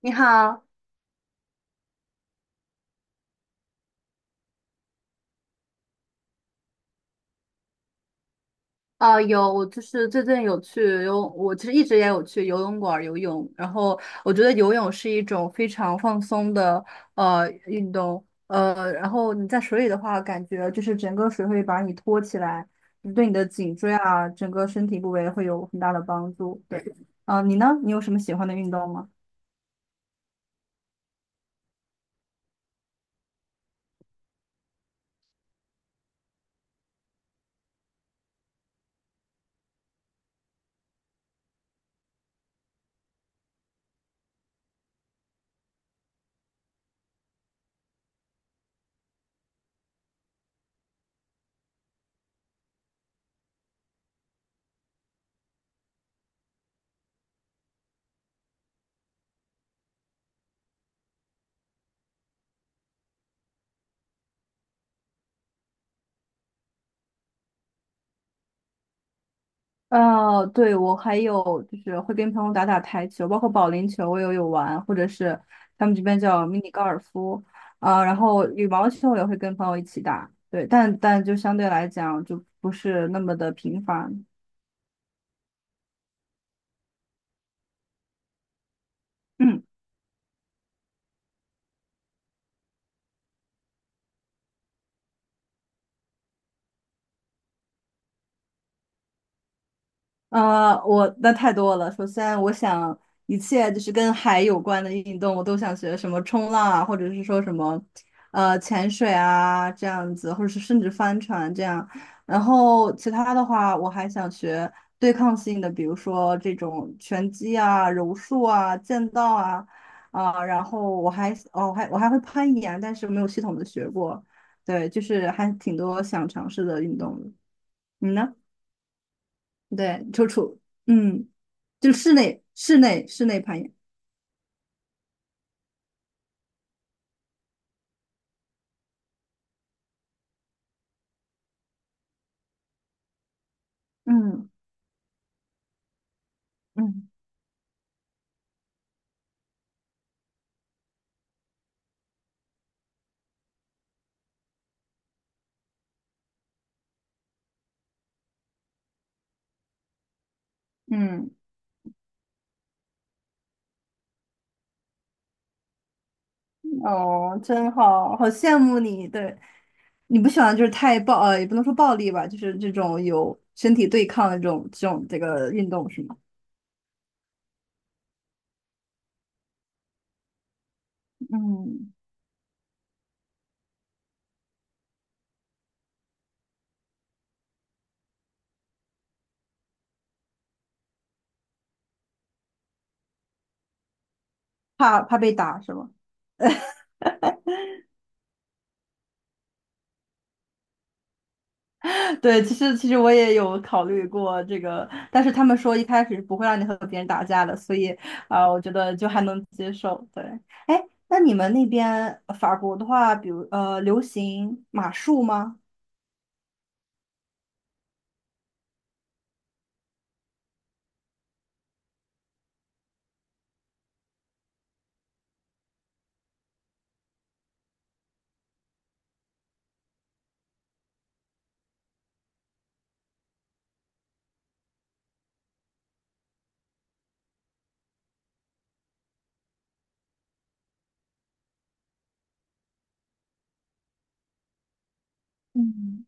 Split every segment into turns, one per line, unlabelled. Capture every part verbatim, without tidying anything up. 你好。啊，有，我就是最近有去游泳，我其实一直也有去游泳馆儿游泳。然后我觉得游泳是一种非常放松的呃运动。呃，然后你在水里的话，感觉就是整个水会把你托起来，对你的颈椎啊，整个身体部位会有很大的帮助。对。啊，你呢？你有什么喜欢的运动吗？呃，对，我还有就是会跟朋友打打台球，包括保龄球我也有玩，或者是他们这边叫迷你高尔夫。啊、然后羽毛球我也会跟朋友一起打。对。但但就相对来讲就不是那么的频繁。嗯。呃，我那太多了。首先，我想一切就是跟海有关的运动，我都想学，什么冲浪啊，或者是说什么，呃，潜水啊这样子，或者是甚至帆船这样。然后其他的话，我还想学对抗性的，比如说这种拳击啊、柔术啊、剑道啊。啊、然后我还哦，我还我还会攀岩，但是没有系统的学过。对，就是还挺多想尝试的运动的。你呢？对，楚楚。嗯，就室内室内室内攀岩。嗯嗯嗯。哦，真好，好羡慕你。对。你不喜欢就是太暴，呃，也不能说暴力吧，就是这种有身体对抗的这种这种这个运动是吗？嗯。怕怕被打是吗？对。其实其实我也有考虑过这个，但是他们说一开始是不会让你和别人打架的，所以啊、我觉得就还能接受。对。哎，那你们那边呃法国的话，比如呃，流行马术吗？嗯。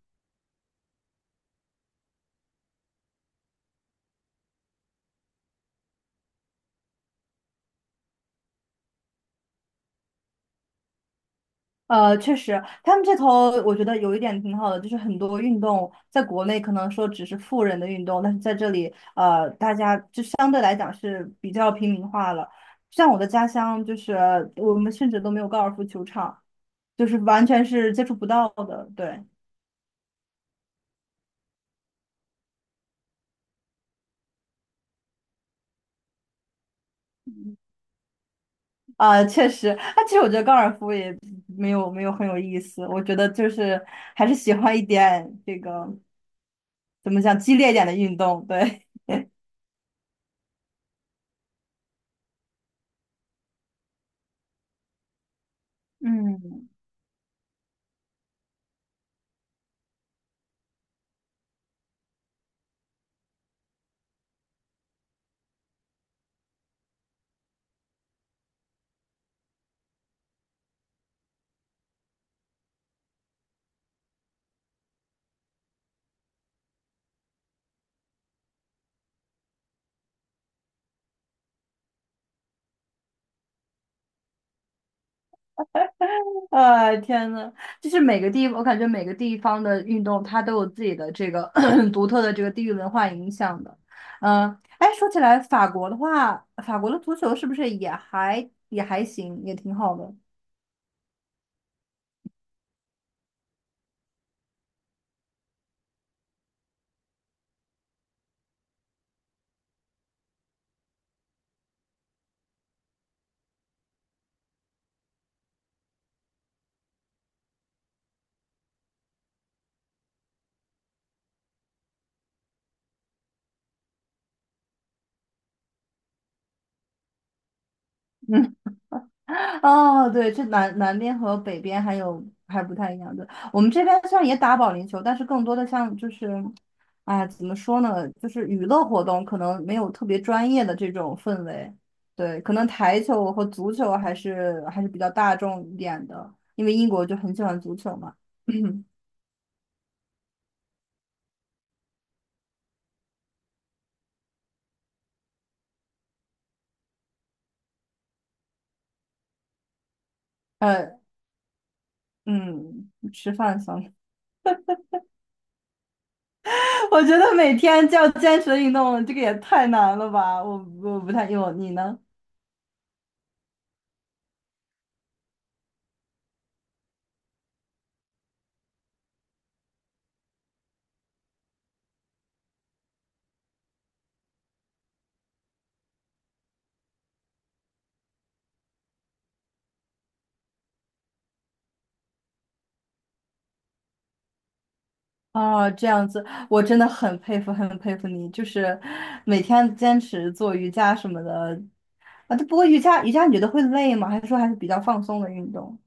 呃，确实，他们这头我觉得有一点挺好的，就是很多运动在国内可能说只是富人的运动，但是在这里，呃，大家就相对来讲是比较平民化了。像我的家乡，就是我们甚至都没有高尔夫球场，就是完全是接触不到的。对。啊、确实。那其实我觉得高尔夫也没有没有很有意思。我觉得就是还是喜欢一点这个怎么讲激烈一点的运动。对。嗯。哎，天呐，就是每个地，我感觉每个地方的运动，它都有自己的这个 独特的这个地域文化影响的。嗯。哎，说起来，法国的话，法国的足球是不是也还也还行，也挺好的？嗯。哦，对，这南南边和北边还有还不太一样。对。我们这边虽然也打保龄球，但是更多的像就是，哎，怎么说呢，就是娱乐活动可能没有特别专业的这种氛围。对。可能台球和足球还是还是比较大众一点的，因为英国就很喜欢足球嘛。呃，嗯，吃饭算了。我觉得每天就要坚持运动，这个也太难了吧？我我不太，有你呢？哦，这样子。我真的很佩服，很佩服你，就是每天坚持做瑜伽什么的啊。不过瑜伽，瑜伽你觉得会累吗？还是说还是比较放松的运动？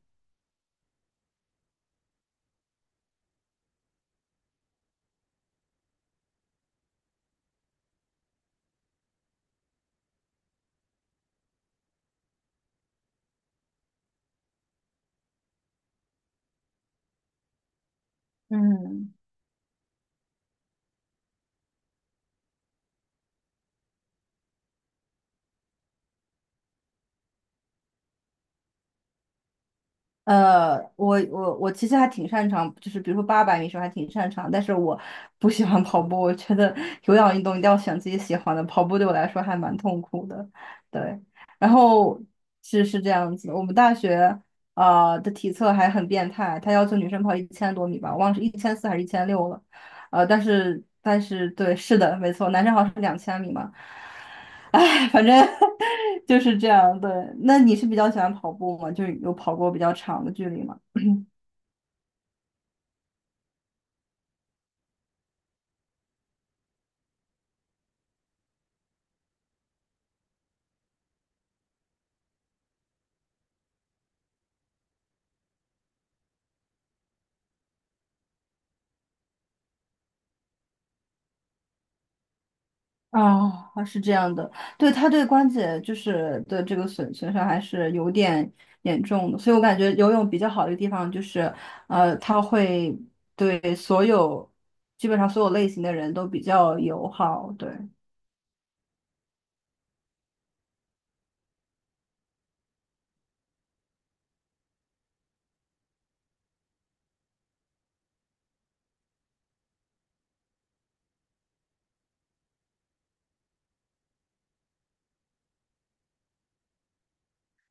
嗯。呃，我我我其实还挺擅长，就是比如说八百米时候还挺擅长，但是我不喜欢跑步，我觉得有氧运动一定要选自己喜欢的，跑步对我来说还蛮痛苦的。对。然后是是这样子，我们大学呃的体测还很变态，他要求女生跑一千多米吧，我忘了是一千四还是一千六了。呃，但是但是对，是的，没错，男生好像是两千米嘛。哎，反正 就是这样。对。那你是比较喜欢跑步吗？就是有跑过比较长的距离吗？哦，是这样的。对，他对关节就是的这个损损伤还是有点严重的，所以我感觉游泳比较好的一个地方就是，呃，它会对所有基本上所有类型的人都比较友好。对。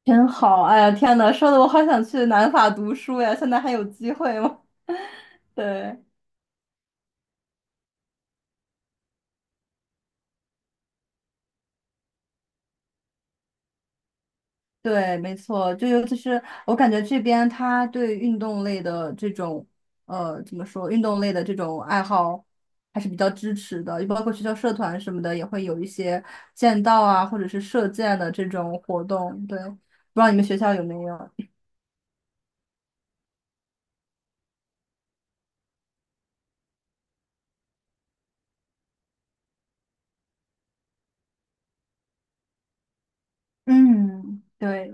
真好。哎呀，天呐，说的我好想去南法读书呀，现在还有机会吗？对。对，没错。就尤其是我感觉这边他对运动类的这种，呃，怎么说，运动类的这种爱好还是比较支持的，就包括学校社团什么的，也会有一些剑道啊，或者是射箭的这种活动。对。不知道你们学校有没有？嗯，对。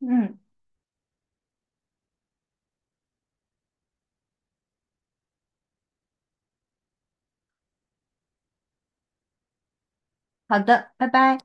嗯，好的。拜拜。